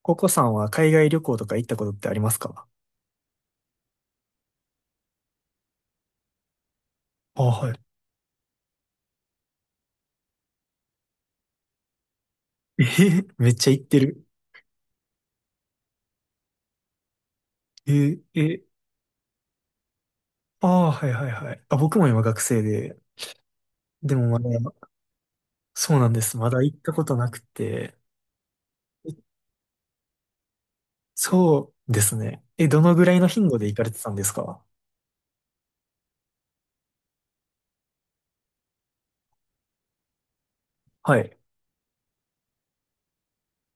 ココさんは海外旅行とか行ったことってありますか？あ、はい。えへ、めっちゃ行ってる。え、え、ああ、はいはいはい。あ、僕も今学生で、でもまだ、そうなんです。まだ行ったことなくて。え、そうですね。え、どのぐらいの頻度で行かれてたんですか？はい。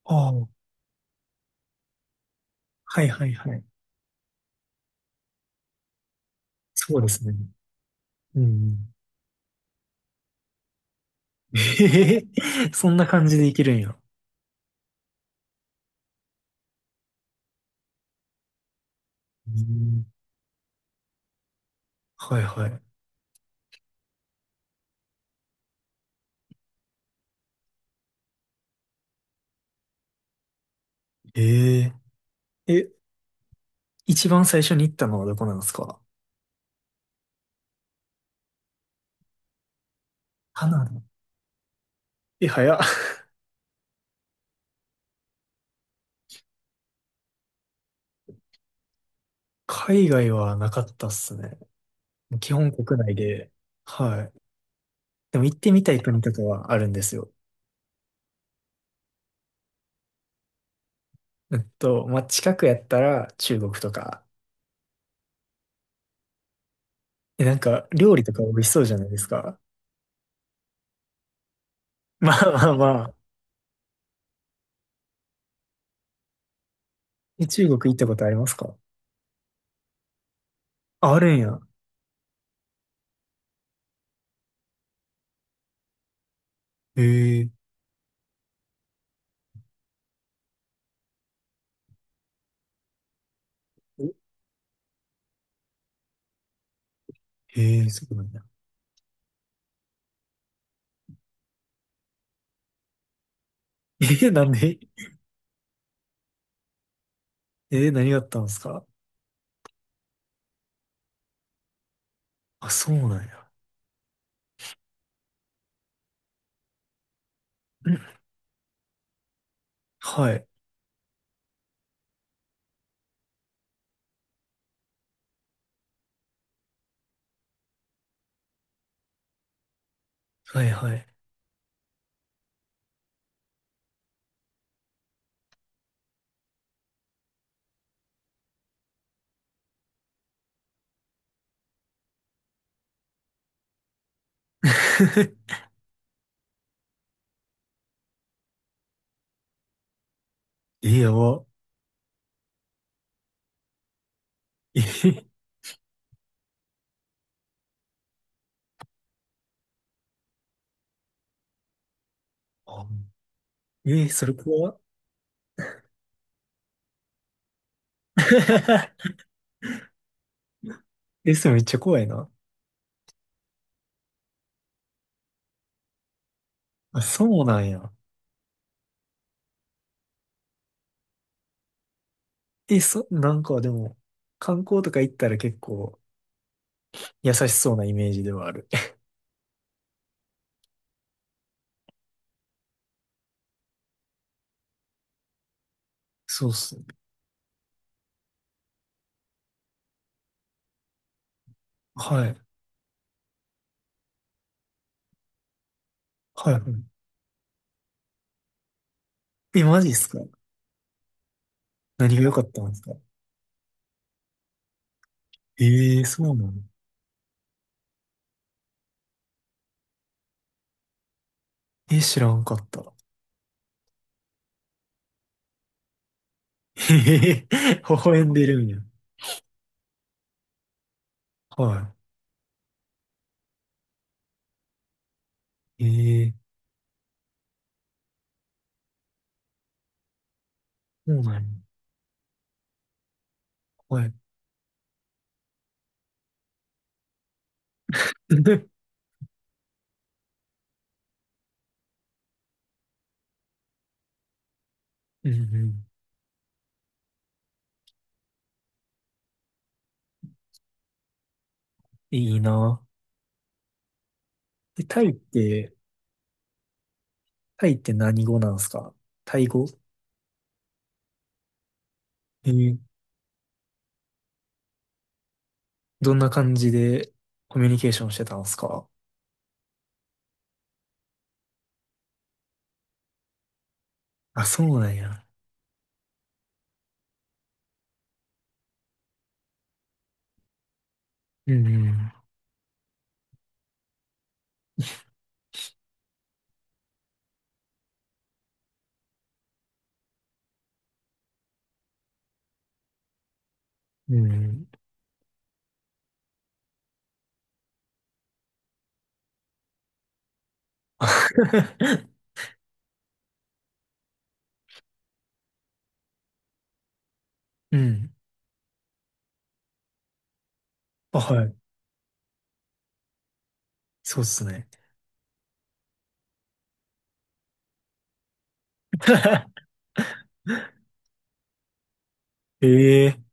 ああ、はいはいはい。そうですね。うん。えへへ、そんな感じで行けるんや。うん、はいはい。えええ、一番最初に行ったのはどこなんですか？カナダ。え、早っ。海外はなかったっすね。基本国内で。はい。でも行ってみたい国とかはあるんですよ。まあ、近くやったら中国とか。え、なんか料理とか美味しそうじゃないですか。まあまあまあ。え、中国行ったことありますか？ああるんや。へえ。へえ、そうなんだ。え、なんで。 えー、何があったんですか？あ、そうなんや。うん、はい。はいはい。え、やば。え、あ、え、それ怖っ。 え、それめっちゃ怖いな。あ、そうなんや。え、そ、なんかでも、観光とか行ったら結構優しそうなイメージではある。そうっすね。はい。はいはい。え、マジっすか？何が良かったんですか？ええ、そうなの？え、知らんかった。えへへ、微笑んでるんや。はい。ええ、そうなんや。はい。うんうん。いいな。え、タイって、タイって何語なんすか？タイ語？えー、どんな感じでコミュニケーションしてたんすか？あ、そうなんや。うんうん。うん。あ。 うん。あ、はい。そうっすね。ええ。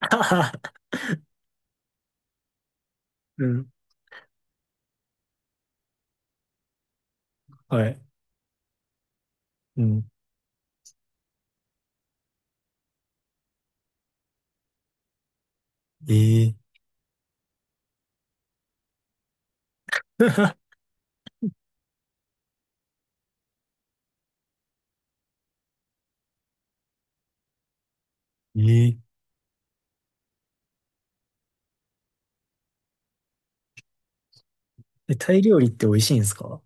うん。はい。うん。ええ。 えええ、タイ料理って美味しいんですか？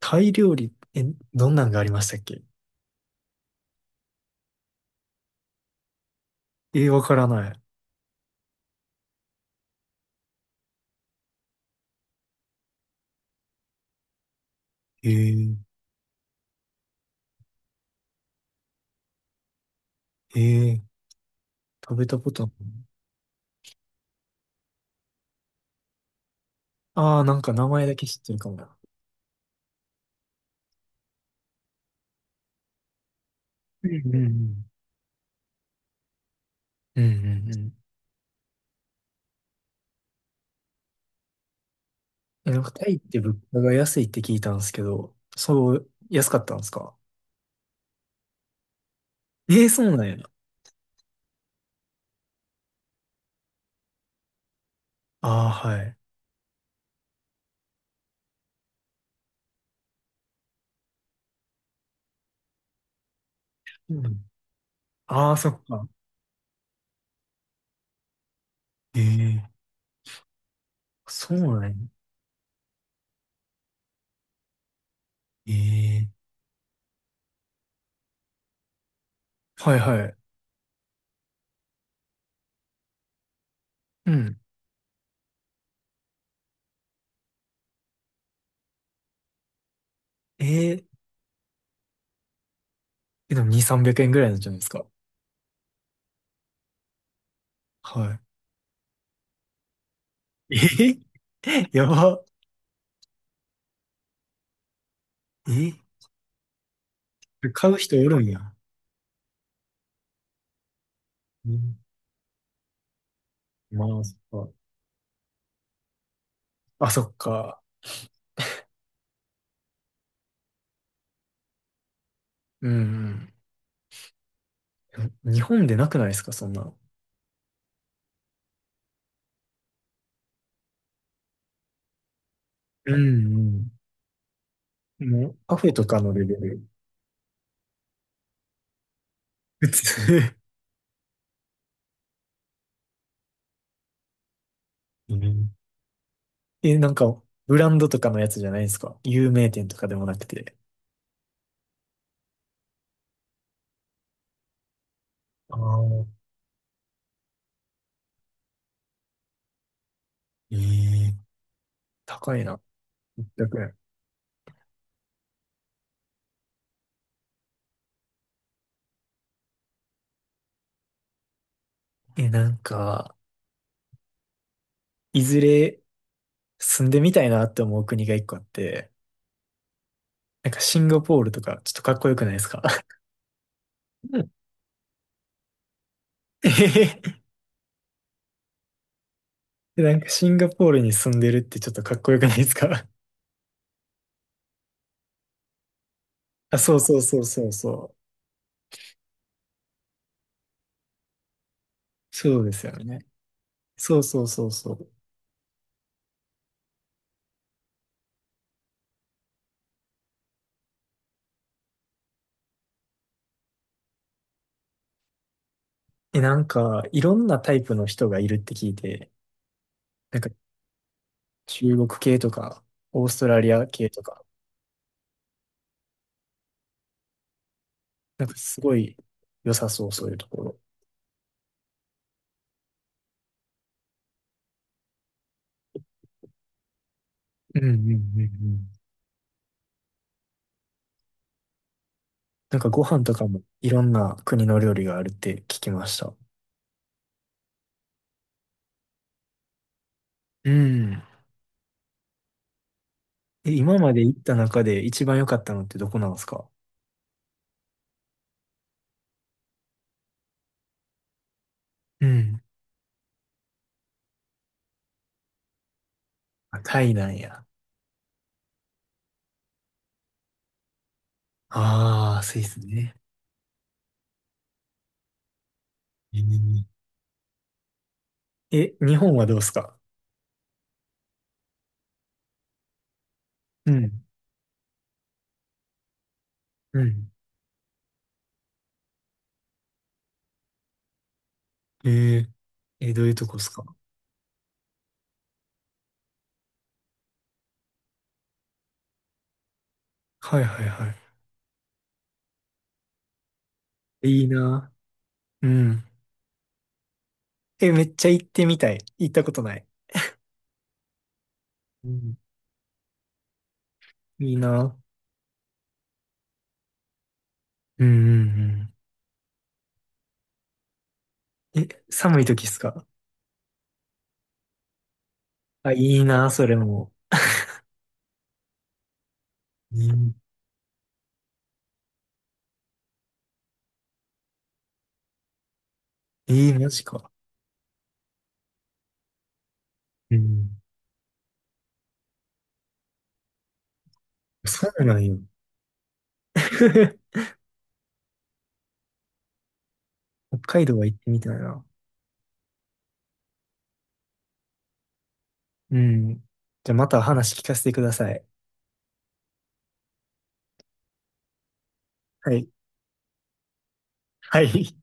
タイ料理、え、どんなんがありましたっけ？ええ、わからない。ええ、ええ、食べたことない。ああー、なんか名前だけ知ってるかもな。うんうんうん。うんうんうん。え、なんかタイって物価が安いって聞いたんですけど、そう、安かったんですか？ええ、そうなんや。ああ、はい。うん。ああ、そっか。え、えそうなんや。ええ、はいはい。うん。えええ、でも2、300円ぐらいなんじゃないですか。はい。ええ。 やば。ええ、買う人おるんや。うん、まあ、そっか。あ、そっか。うんうん。日本でなくないですか、そんなの。うんうん。もう、カフェとかのレベル。普通。え、なんか、ブランドとかのやつじゃないですか、有名店とかでもなくて。ああ、ええ、高いな。6円。え、なんか、いずれ住んでみたいなって思う国が一個あって、なんかシンガポールとか、ちょっとかっこよくないですか？うん。 えへへ。でなんかシンガポールに住んでるってちょっとかっこよくないですか？ あ、そうそうそうそうそう。そうですよね。そうそうそうそう。え、なんか、いろんなタイプの人がいるって聞いて、なんか中国系とか、オーストラリア系とか、なんかすごい良さそう、そういうところ。うんうんうんうん。なんかご飯とかもいろんな国の料理があるって聞きました。うん。え、今まで行った中で一番良かったのってどこなんですか？うん。あ、タイなんや。ああ、スイスね。えーえ、日本はどうですか？うん。うん、えー、え、どういうとこですか？はいはいはい。いいな。うん。え、めっちゃ行ってみたい。行ったことない。うん、いいな。うんうんうん、え、寒い時っすか？あ、いいな、それも。いい、えーマジか。うん。そうなんよ。北海道は行ってみたいな。うん。じゃあまた話聞かせてください。はい。はい。